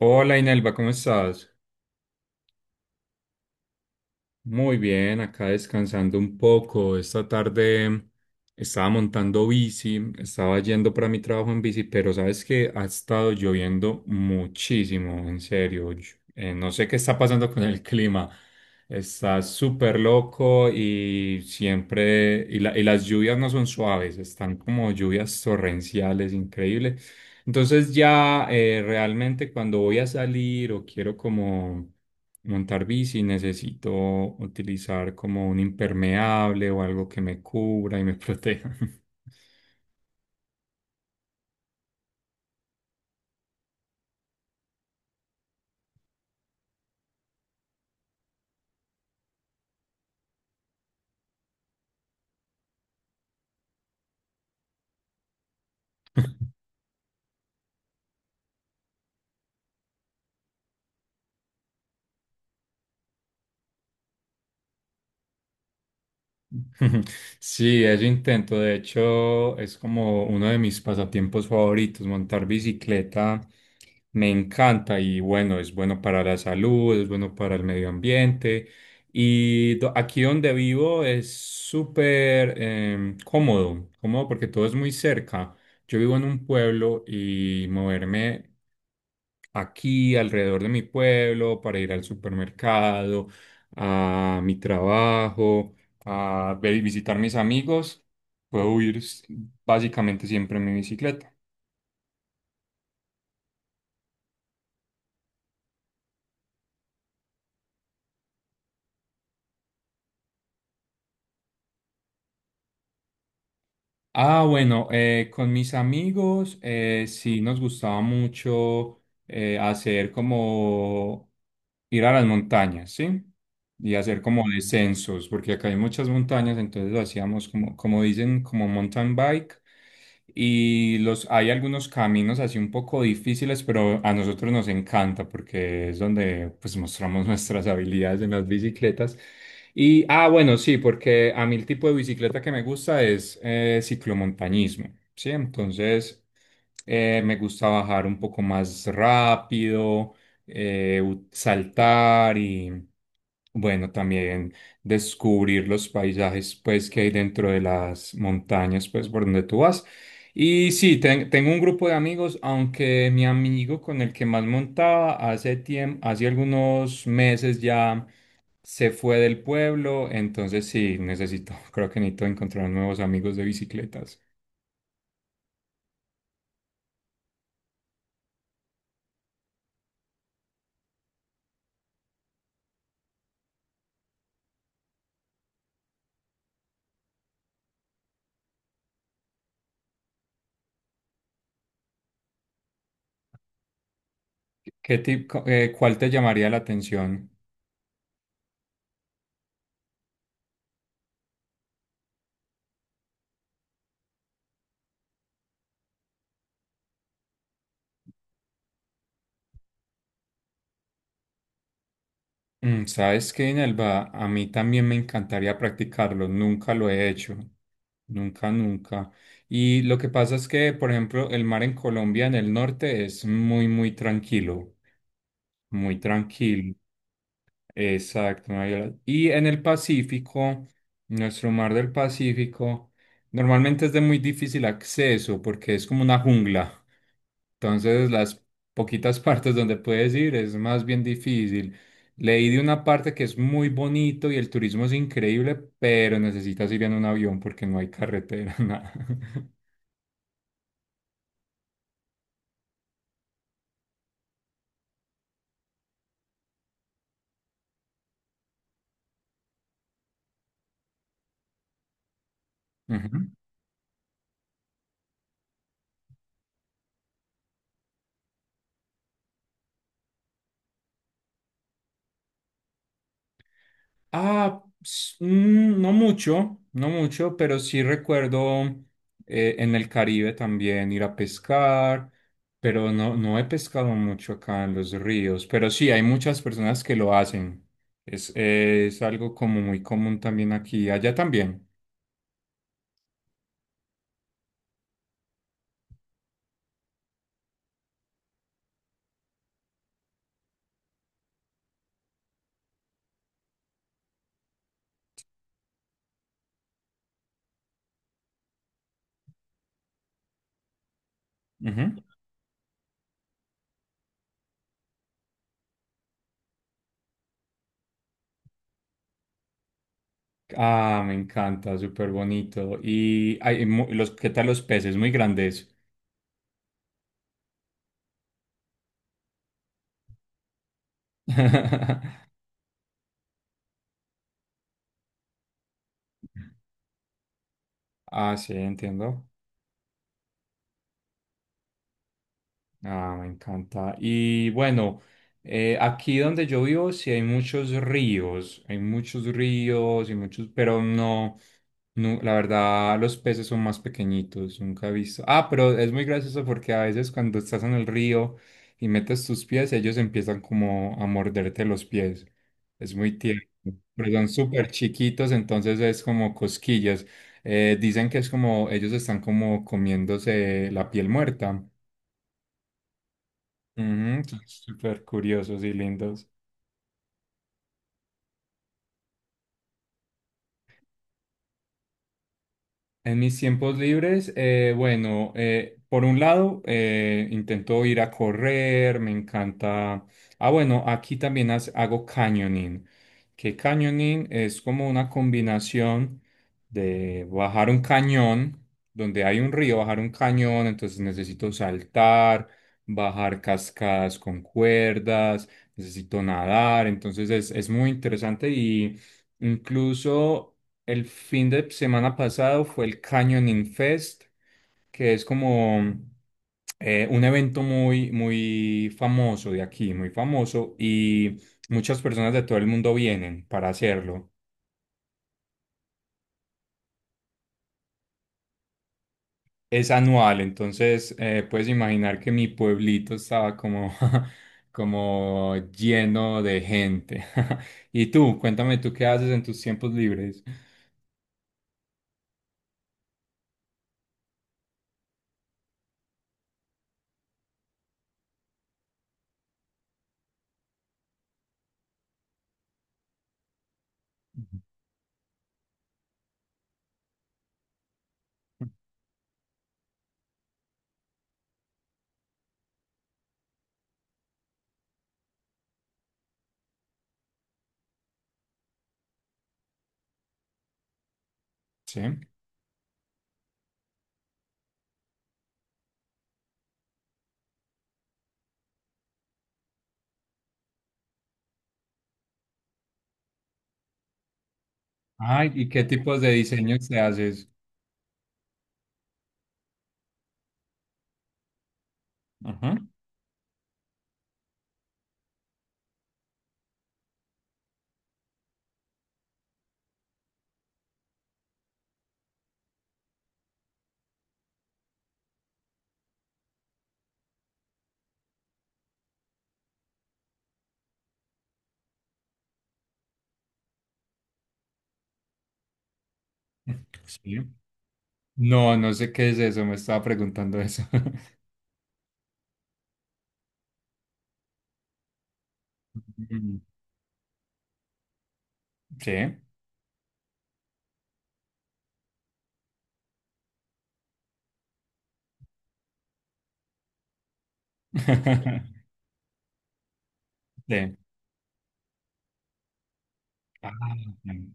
Hola Inelva, ¿cómo estás? Muy bien, acá descansando un poco. Esta tarde estaba montando bici, estaba yendo para mi trabajo en bici, pero sabes que ha estado lloviendo muchísimo, en serio. No sé qué está pasando con el clima. Está súper loco y siempre, y las lluvias no son suaves, están como lluvias torrenciales, increíble. Entonces realmente cuando voy a salir o quiero como montar bici, necesito utilizar como un impermeable o algo que me cubra y me proteja. Sí, eso intento. De hecho, es como uno de mis pasatiempos favoritos. Montar bicicleta me encanta y bueno, es bueno para la salud, es bueno para el medio ambiente. Aquí donde vivo es súper cómodo, cómodo porque todo es muy cerca. Yo vivo en un pueblo y moverme aquí alrededor de mi pueblo para ir al supermercado, a mi trabajo, visitar mis amigos, puedo ir s- básicamente siempre en mi bicicleta. Bueno, con mis amigos sí nos gustaba mucho hacer como ir a las montañas, ¿sí? Y hacer como descensos, porque acá hay muchas montañas, entonces lo hacíamos como, como dicen, como mountain bike. Hay algunos caminos así un poco difíciles, pero a nosotros nos encanta porque es donde pues mostramos nuestras habilidades en las bicicletas. Sí, porque a mí el tipo de bicicleta que me gusta es ciclomontañismo, ¿sí? Entonces, me gusta bajar un poco más rápido saltar y, bueno, también descubrir los paisajes, pues, que hay dentro de las montañas, pues, por donde tú vas. Y sí, tengo un grupo de amigos, aunque mi amigo con el que más montaba hace tiempo, hace algunos meses ya se fue del pueblo, entonces sí, necesito, creo que necesito encontrar nuevos amigos de bicicletas. ¿Qué tipo, cuál te llamaría la atención? Mm, ¿sabes qué, Inelva? A mí también me encantaría practicarlo, nunca lo he hecho, nunca, nunca. Y lo que pasa es que, por ejemplo, el mar en Colombia, en el norte, es muy, muy tranquilo, exacto. no hay- Y en el Pacífico, nuestro mar del Pacífico, normalmente es de muy difícil acceso porque es como una jungla. Entonces, las poquitas partes donde puedes ir es más bien difícil. Leí de una parte que es muy bonito y el turismo es increíble, pero necesitas ir en un avión porque no hay carretera, nada. Ujú. No mucho, no mucho, pero sí recuerdo en el Caribe también ir a pescar, pero no, no he pescado mucho acá en los ríos, pero sí hay muchas personas que lo hacen. Es algo como muy común también aquí, allá también. Ujú. Ah, me encanta, súper bonito. ¿Qué tal los peces? Muy grandes. Ah, sí, entiendo. Ah, me encanta. Y bueno, aquí donde yo vivo sí hay muchos ríos y muchos, pero no, no, la verdad los peces son más pequeñitos, nunca he visto. Ah, pero es muy gracioso porque a veces cuando estás en el río y metes tus pies, ellos empiezan como a morderte los pies. Es muy tierno, pero son súper chiquitos, entonces es como cosquillas. Dicen que es como ellos están como comiéndose la piel muerta. Ujú, son súper curiosos y lindos. En mis tiempos libres, por un lado, intento ir a correr, me encanta. Bueno, Aquí también hago canyoning, que canyoning es como una combinación de bajar un cañón, donde hay un río, bajar un cañón, entonces necesito saltar, bajar cascadas con cuerdas, necesito nadar, entonces es muy interesante y incluso... El fin de semana pasado fue el Canyoning Fest, que es como un evento muy, muy famoso de aquí, muy famoso, y muchas personas de todo el mundo vienen para hacerlo. Es anual, entonces puedes imaginar que mi pueblito estaba como, como lleno de gente. Y tú, cuéntame tú qué haces en tus tiempos libres. Sí. Ay, ¿y qué tipos de diseños te haces? Sí. No, no sé qué es eso, me estaba preguntando eso. Mm, sí. Sí. Ah, sí.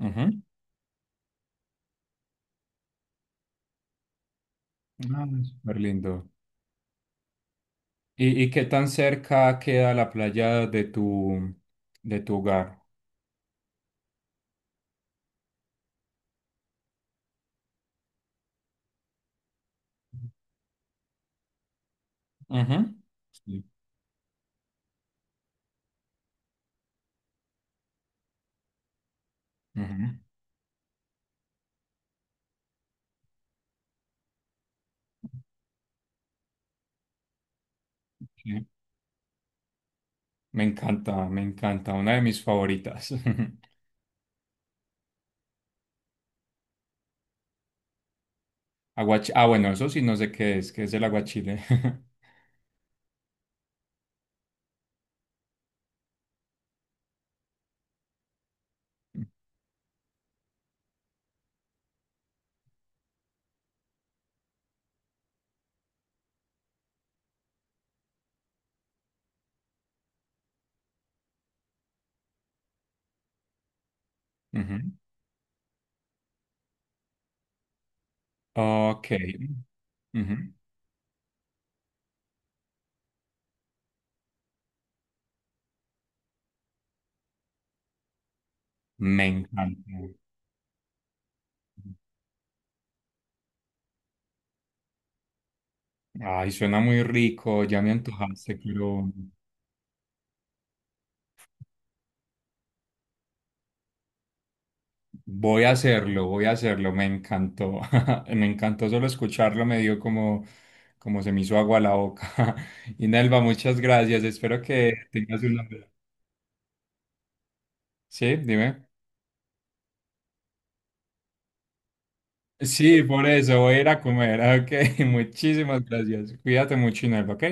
Ujú. Ah, súper lindo. Y qué tan cerca queda la playa de tu hogar? Ujú. Sí. Ujú. Sí. Me encanta, me encanta. Una de mis favoritas. Eso sí no sé qué es el aguachile. Ujú. Ok. Ujú. Me encanta. Ay, suena muy rico, ya me antojaste, pero voy a hacerlo, me encantó, me encantó solo escucharlo, me dio como, como se me hizo agua a la boca. Y Nelva, muchas gracias, espero que tengas una... Sí, dime. Sí, por eso, voy a ir a comer, ok, muchísimas gracias, cuídate mucho, Inelva, ok.